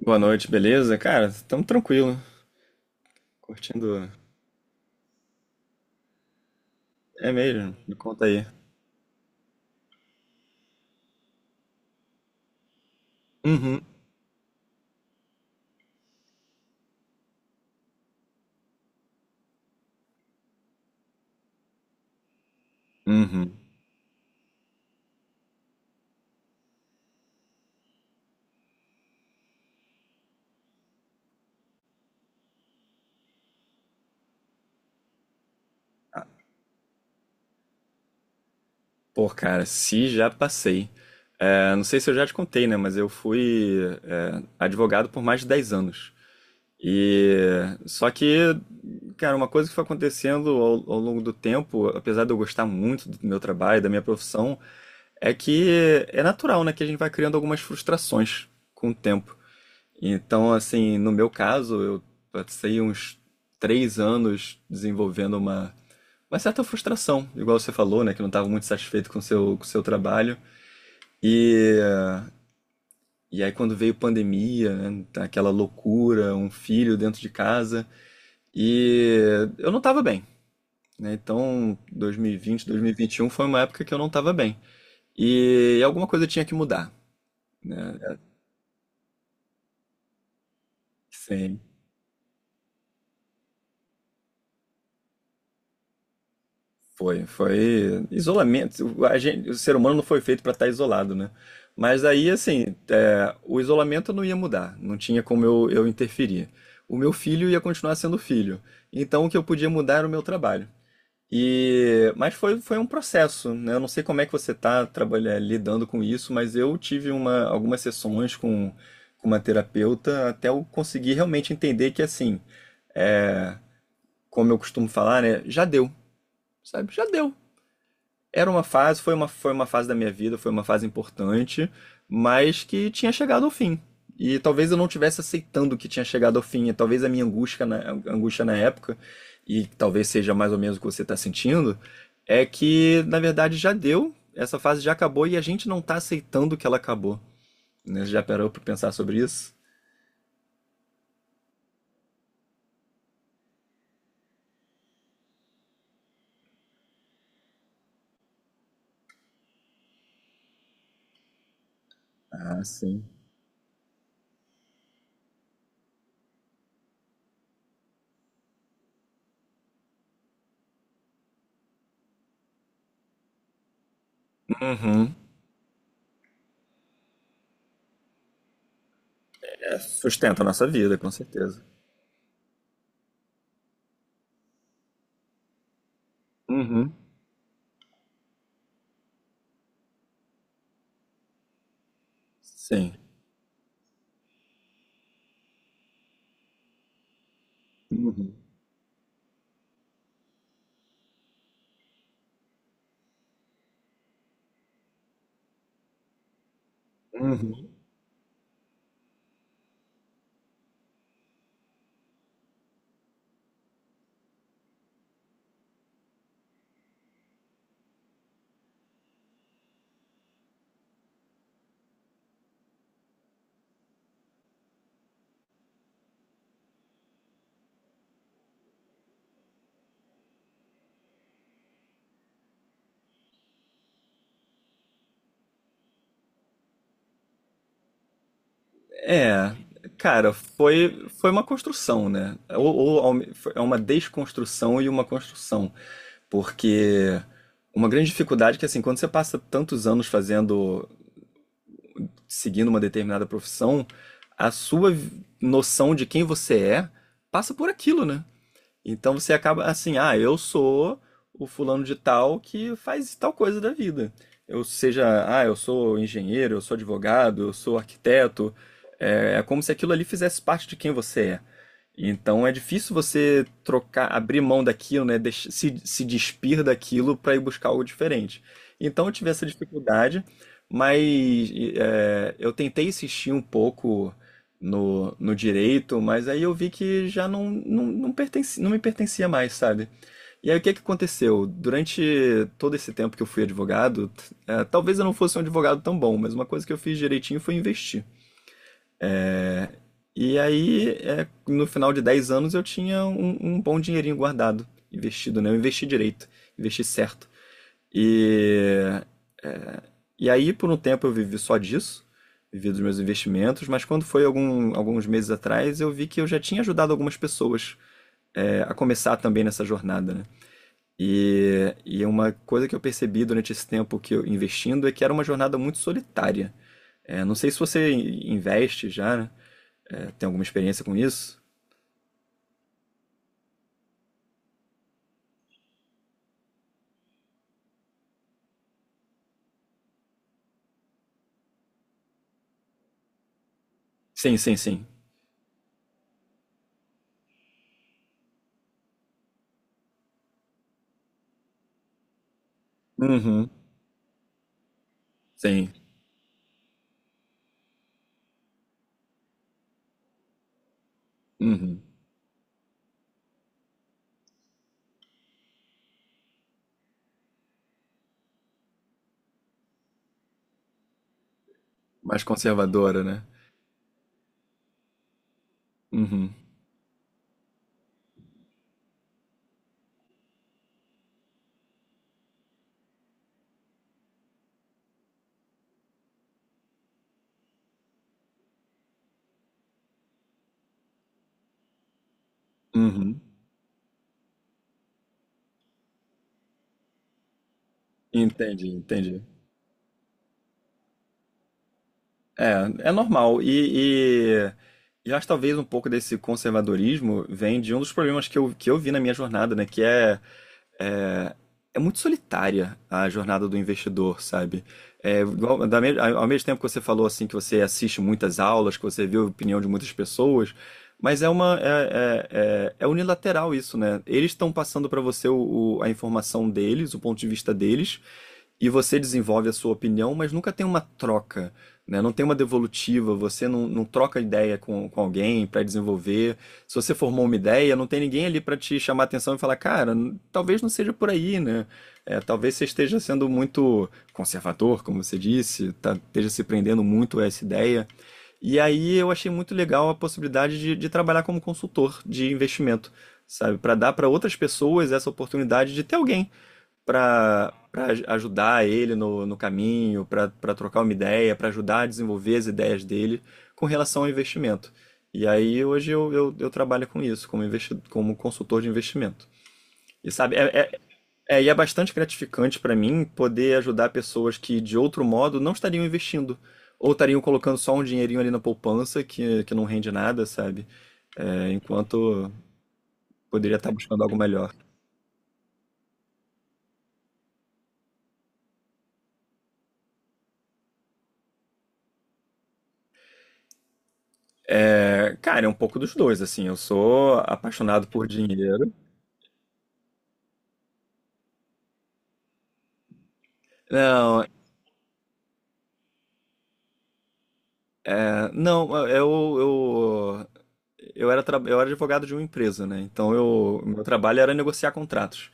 Boa noite, beleza? Cara, estamos tranquilo, curtindo. É mesmo, me conta aí. Uhum, uhum. Pô, cara, se já passei. Não sei se eu já te contei, né? Mas eu fui advogado por mais de 10 anos. E só que, cara, uma coisa que foi acontecendo ao longo do tempo, apesar de eu gostar muito do meu trabalho, da minha profissão, é que é natural, né, que a gente vai criando algumas frustrações com o tempo. Então, assim, no meu caso, eu passei uns três anos desenvolvendo uma certa frustração, igual você falou, né, que não estava muito satisfeito com o com o seu trabalho. E, e aí, quando veio pandemia, né, aquela loucura, um filho dentro de casa, e eu não estava bem, né? Então, 2020, 2021 foi uma época que eu não estava bem. E alguma coisa tinha que mudar, né? Sim. Foi, foi isolamento. O ser humano não foi feito para estar isolado, né? Mas aí, assim, é, o isolamento não ia mudar, não tinha como eu interferir. O meu filho ia continuar sendo filho. Então, o que eu podia mudar era o meu trabalho. E, mas foi, foi um processo, né? Eu não sei como é que você está trabalhando, lidando com isso, mas eu tive algumas sessões com uma terapeuta até eu conseguir realmente entender que, assim, é, como eu costumo falar, né? Já deu, sabe? Já deu. Era uma fase, foi uma fase da minha vida, foi uma fase importante, mas que tinha chegado ao fim. E talvez eu não tivesse aceitando que tinha chegado ao fim, e talvez a minha angústia na época, e talvez seja mais ou menos o que você está sentindo, é que na verdade já deu, essa fase já acabou e a gente não tá aceitando que ela acabou. Né? Já parou pra pensar sobre isso? Ah, sim. Uhum. É, sustenta a nossa vida, com certeza. Uhum. Sim. Uhum. Uhum. É, cara, foi, foi uma construção, né? Ou é uma desconstrução e uma construção. Porque uma grande dificuldade é que, assim, quando você passa tantos anos fazendo, seguindo uma determinada profissão, a noção de quem você é passa por aquilo, né? Então você acaba assim, ah, eu sou o fulano de tal que faz tal coisa da vida. Eu seja, ah, eu sou engenheiro, eu sou advogado, eu sou arquiteto. É, é como se aquilo ali fizesse parte de quem você é. Então é difícil você trocar, abrir mão daquilo, né? Se, se despir daquilo para ir buscar algo diferente. Então eu tive essa dificuldade, mas é, eu tentei insistir um pouco no direito, mas aí eu vi que já não pertence, não me pertencia mais, sabe? E aí o que que aconteceu? Durante todo esse tempo que eu fui advogado, talvez eu não fosse um advogado tão bom, mas uma coisa que eu fiz direitinho foi investir. E aí, é, no final de 10 anos, eu tinha um bom dinheirinho guardado, investido, né? Eu investi direito, investi certo. E, é, e aí, por um tempo, eu vivi só disso, vivi dos meus investimentos, mas quando foi alguns meses atrás, eu vi que eu já tinha ajudado algumas pessoas a começar também nessa jornada, né? E uma coisa que eu percebi durante esse tempo que eu investindo é que era uma jornada muito solitária. É, não sei se você investe já, né? É, tem alguma experiência com isso? Sim, sim, sim. Uhum. Sim. Uhum. Mais conservadora, né? Uhum. Uhum. Entendi, entendi. É, é normal. E acho que talvez um pouco desse conservadorismo vem de um dos problemas que que eu vi na minha jornada, né? Que é é, é muito solitária a jornada do investidor, sabe? É, ao mesmo tempo que você falou assim que você assiste muitas aulas, que você vê a opinião de muitas pessoas, mas é uma é, é- é- é unilateral isso, né? Eles estão passando para você a informação deles, o ponto de vista deles, e você desenvolve a sua opinião, mas nunca tem uma troca, né? Não tem uma devolutiva, você não troca ideia com alguém para desenvolver se você formou uma ideia, não tem ninguém ali para te chamar a atenção e falar, cara, talvez não seja por aí, né? É, talvez você esteja sendo muito conservador, como você disse, esteja se prendendo muito a essa ideia. E aí eu achei muito legal a possibilidade de trabalhar como consultor de investimento, sabe? Para dar para outras pessoas essa oportunidade de ter alguém para ajudar ele no caminho, para trocar uma ideia, para ajudar a desenvolver as ideias dele com relação ao investimento. E aí hoje eu trabalho com isso, como, investi como consultor de investimento. E sabe, é, e é bastante gratificante para mim poder ajudar pessoas que de outro modo não estariam investindo, ou estariam colocando só um dinheirinho ali na poupança que não rende nada, sabe? É, enquanto poderia estar buscando algo melhor. Cara, é um pouco dos dois, assim. Eu sou apaixonado por dinheiro. Não, é, não, eu, era, tra- eu era advogado de uma empresa, né? Então, eu, meu trabalho era negociar contratos.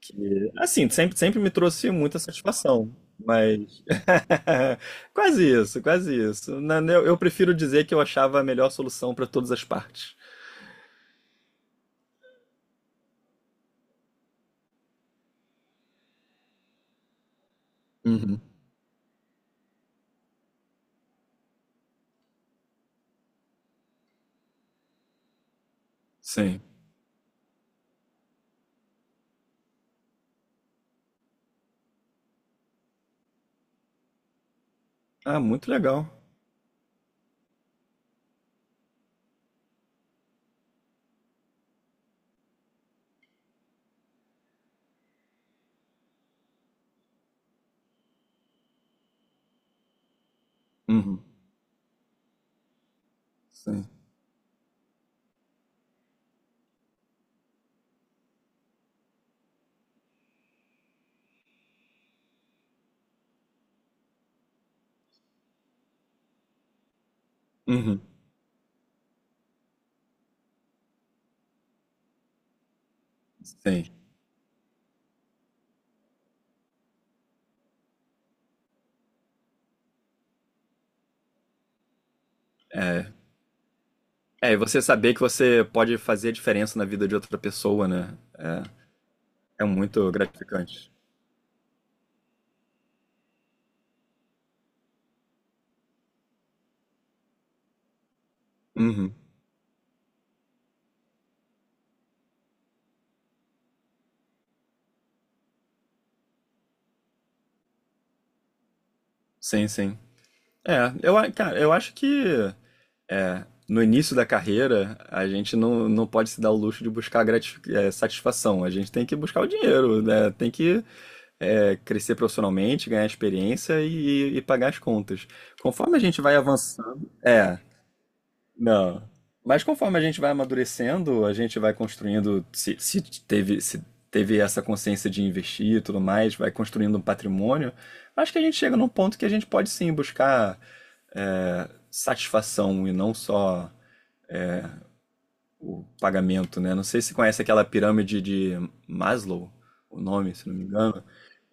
Que, assim, sempre me trouxe muita satisfação. Mas quase isso, quase isso. Eu prefiro dizer que eu achava a melhor solução para todas as partes. Uhum. Sim. Ah, muito legal. Uhum. Sim. Uhum. Sim. É. É, e você saber que você pode fazer a diferença na vida de outra pessoa, né? É, é muito gratificante. Uhum. Sim, sim. Cara, eu acho que é, no início da carreira a gente não pode se dar o luxo de buscar satisfação. A gente tem que buscar o dinheiro, né? Tem que crescer profissionalmente, ganhar experiência e pagar as contas. Conforme a gente vai avançando, é. Não. Mas conforme a gente vai amadurecendo, a gente vai construindo, se teve, se teve essa consciência de investir e tudo mais, vai construindo um patrimônio, acho que a gente chega num ponto que a gente pode sim buscar é, satisfação e não só o pagamento, né? Não sei se você conhece aquela pirâmide de Maslow, o nome, se não me engano.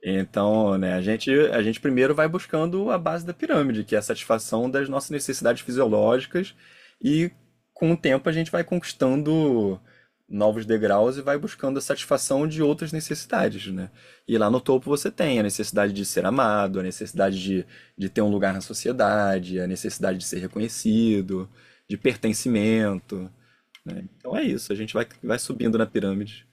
Então, né, a gente primeiro vai buscando a base da pirâmide, que é a satisfação das nossas necessidades fisiológicas, e com o tempo a gente vai conquistando novos degraus e vai buscando a satisfação de outras necessidades, né? E lá no topo você tem a necessidade de ser amado, a necessidade de ter um lugar na sociedade, a necessidade de ser reconhecido, de pertencimento, né? Então é isso, a gente vai, vai subindo na pirâmide.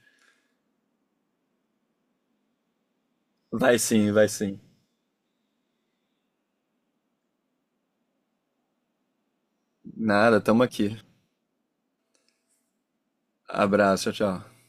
Vai sim, vai sim. Nada, tamo aqui. Abraço, tchau, tchau.